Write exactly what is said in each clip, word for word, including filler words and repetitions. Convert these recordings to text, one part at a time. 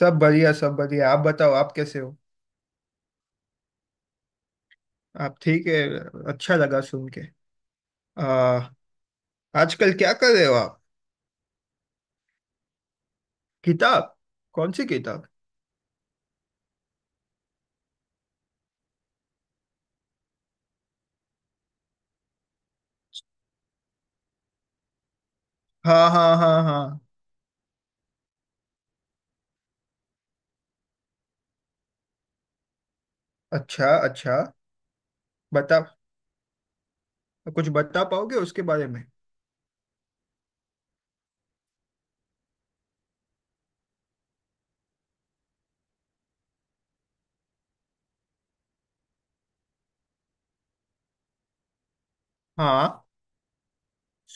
सब बढ़िया सब बढ़िया। आप बताओ, आप कैसे हो? आप ठीक है? अच्छा लगा सुन के। आ, आजकल क्या कर रहे हो आप? किताब? कौन सी किताब? हाँ हाँ हाँ हाँ। अच्छा अच्छा। बता, कुछ बता पाओगे उसके बारे में? हाँ।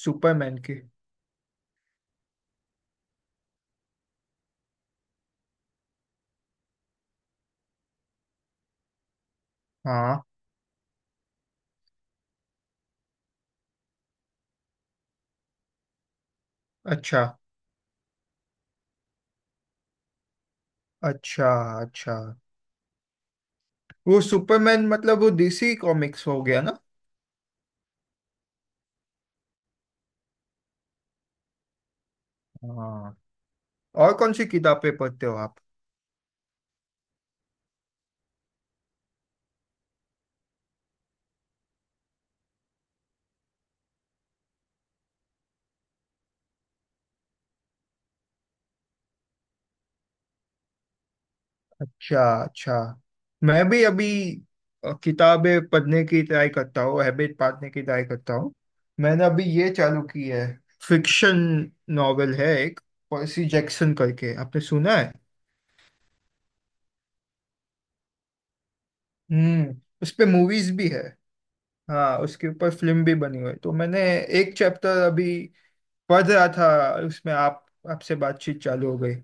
सुपरमैन की? हाँ। अच्छा अच्छा अच्छा। वो सुपरमैन मतलब वो डीसी कॉमिक्स हो गया ना? हाँ। और कौन सी किताबें पढ़ते हो आप? अच्छा अच्छा। मैं भी अभी, अ, किताबें पढ़ने की ट्राई करता हूँ, हैबिट पालने की ट्राई करता हूँ। मैंने अभी ये चालू की है, फिक्शन नॉवेल है एक, पर्सी जैक्सन करके, आपने सुना है? हम्म। उस पे मूवीज भी है? हाँ, उसके ऊपर फिल्म भी बनी हुई है, तो मैंने एक चैप्टर अभी पढ़ रहा था उसमें। आप, आपसे बातचीत चालू हो गई।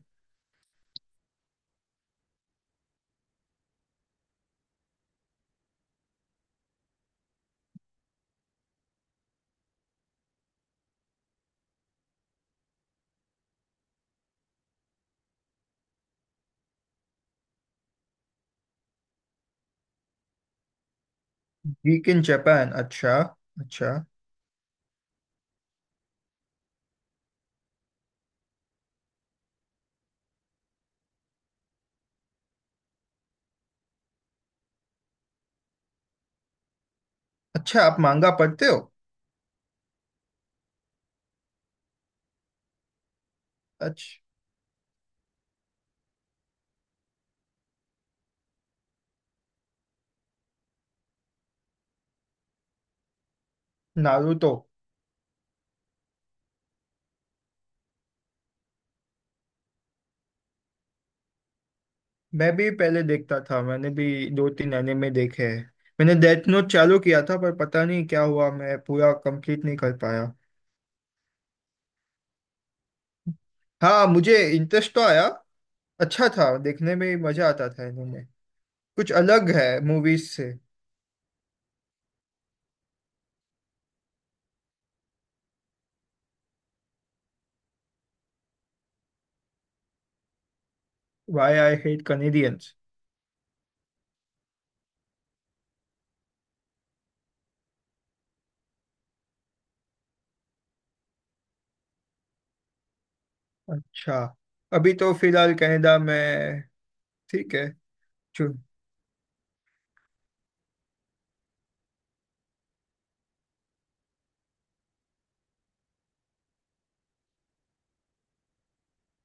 Week in Japan? अच्छा। अच्छा। अच्छा आप मांगा पढ़ते हो? अच्छा। नारुतो? मैं भी पहले देखता था, मैंने भी दो तीन एनिमे देखे हैं। मैंने डेथ नोट चालू किया था, पर पता नहीं क्या हुआ, मैं पूरा कंप्लीट नहीं कर पाया। हाँ, मुझे इंटरेस्ट तो आया। अच्छा था, देखने में मजा आता था एनिमे, कुछ अलग है मूवीज से। Why I hate Canadians? अच्छा। अभी तो फिलहाल कनाडा में, ठीक है। चु-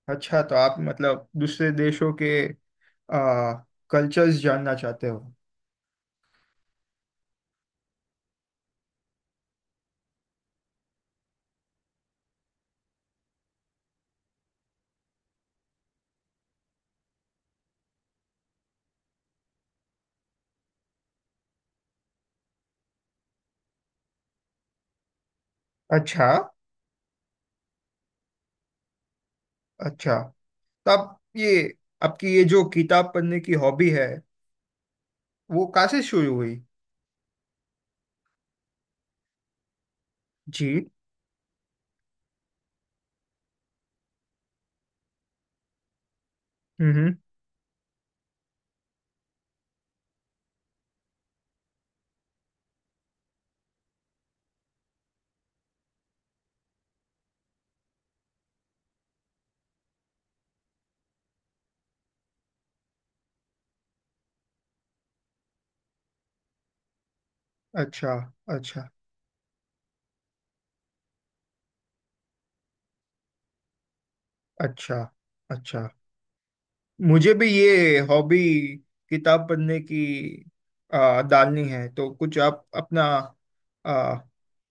अच्छा तो आप मतलब दूसरे देशों के, आ, कल्चर्स जानना चाहते हो? अच्छा अच्छा। तो आप ये, आपकी ये जो किताब पढ़ने की हॉबी है, वो कहाँ से शुरू हुई? जी। हम्म। अच्छा। अच्छा। अच्छा। अच्छा मुझे भी ये हॉबी, किताब पढ़ने की, आ, डालनी है। तो कुछ आप अपना, आ,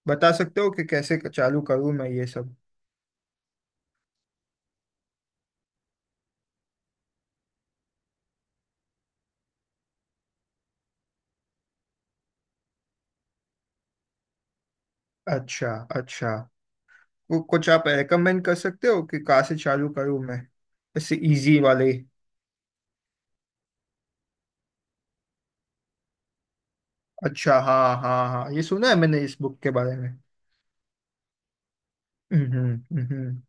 बता सकते हो कि कैसे चालू करूँ मैं ये सब? अच्छा अच्छा। वो कुछ आप रेकमेंड कर सकते हो कि कहाँ से चालू करूँ मैं? ऐसे इजी वाले। अच्छा हाँ हाँ हाँ, ये सुना है मैंने इस बुक के बारे में। हम्म हम्म।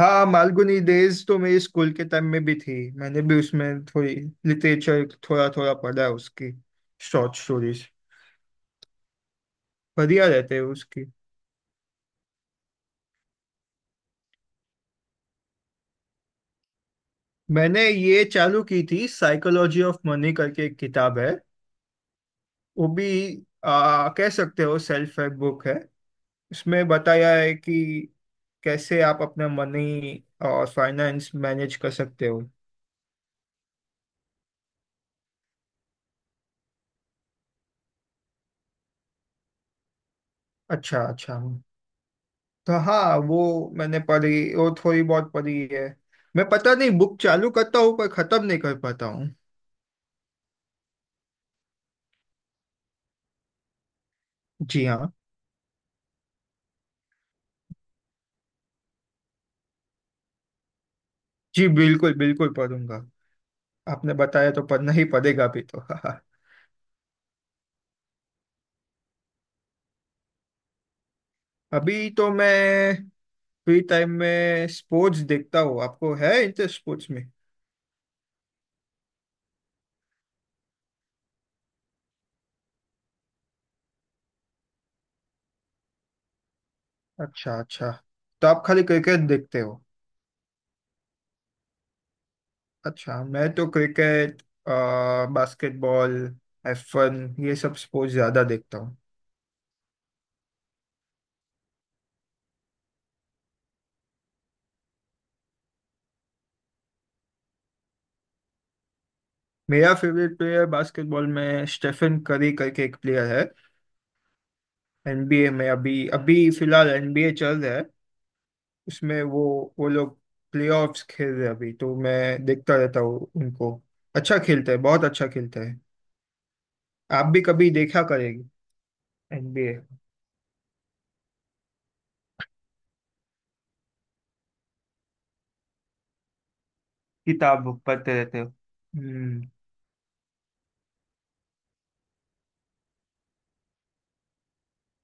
हाँ मालगुनी डेज तो मेरी स्कूल के टाइम में भी थी। मैंने भी उसमें थोड़ी लिटरेचर थोड़ा थोड़ा पढ़ा है उसकी। शॉर्ट स्टोरीज बढ़िया रहते हैं उसकी। मैंने ये चालू की थी, साइकोलॉजी ऑफ मनी करके एक किताब है। वो भी, आ, कह सकते हो सेल्फ हेल्प बुक है। उसमें बताया है कि कैसे आप अपना मनी और फाइनेंस मैनेज कर सकते हो। अच्छा अच्छा। तो हाँ वो, मैंने पढ़ी, वो थोड़ी बहुत पढ़ी है। मैं पता नहीं, बुक चालू करता हूँ पर खत्म नहीं कर पाता हूँ। जी हाँ। जी बिल्कुल बिल्कुल, पढ़ूंगा। आपने बताया तो पढ़ना ही पड़ेगा अभी तो हाँ। अभी तो मैं फ्री टाइम में स्पोर्ट्स देखता हूँ। आपको है इंटरेस्ट स्पोर्ट्स में? अच्छा अच्छा। तो आप खाली क्रिकेट देखते हो? अच्छा मैं तो क्रिकेट, बास्केटबॉल, एफ वन, ये सब स्पोर्ट्स ज्यादा देखता हूँ। मेरा फेवरेट प्लेयर बास्केटबॉल में स्टेफन करी करके एक प्लेयर है। ए न बी ए में, अभी अभी फिलहाल एनबीए चल रहा है, उसमें वो वो लोग प्लेऑफ्स खेल रहे हैं अभी, तो मैं देखता रहता हूँ उनको। अच्छा खेलते हैं, बहुत अच्छा खेलते हैं। आप भी कभी देखा करेंगे ए न बी ए। किताब पढ़ते रहते हो हम्म।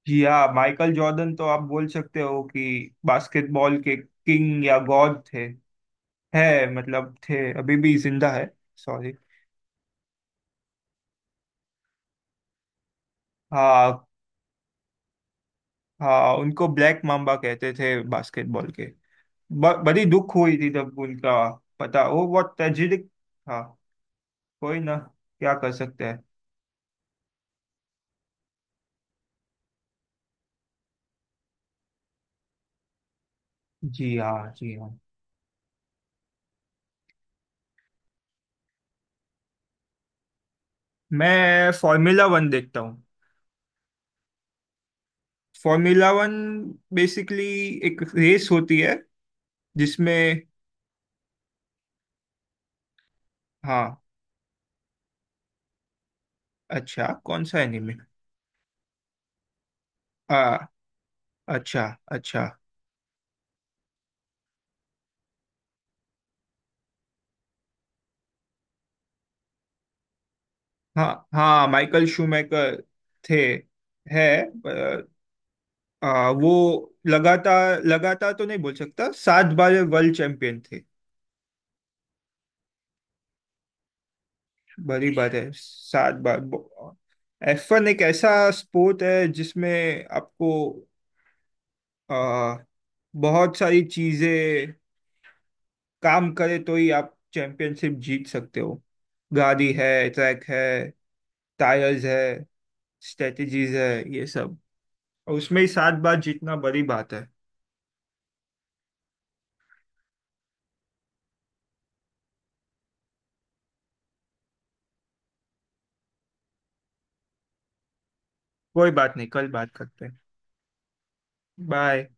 जी हाँ, माइकल जॉर्डन तो आप बोल सकते हो कि बास्केटबॉल के किंग या गॉड थे। है मतलब, थे, अभी भी जिंदा है, सॉरी। हाँ हाँ, उनको ब्लैक माम्बा कहते थे बास्केटबॉल के। ब, बड़ी दुख हुई थी तब उनका, पता वो बहुत ट्रेजिक था। कोई ना, क्या कर सकते हैं। जी हाँ जी हाँ। मैं फॉर्मूला वन देखता हूँ। फॉर्मूला वन बेसिकली एक रेस होती है जिसमें, हाँ। अच्छा कौन सा एनिमे? आ अच्छा। अच्छा। हाँ हाँ माइकल शूमेकर, थे, है, आ, वो लगातार लगातार तो नहीं बोल सकता, सात बार वे वर्ल्ड चैंपियन थे। बड़ी बात है सात बार। एफ वन एक ऐसा स्पोर्ट है जिसमें आपको, आ, बहुत सारी चीजें काम करे तो ही आप चैंपियनशिप जीत सकते हो। गाड़ी है, ट्रैक है, टायर्स है, स्ट्रेटजीज है, ये सब, और उसमें ही सात बार जीतना बड़ी बात है। कोई बात नहीं, कल बात करते हैं। बाय।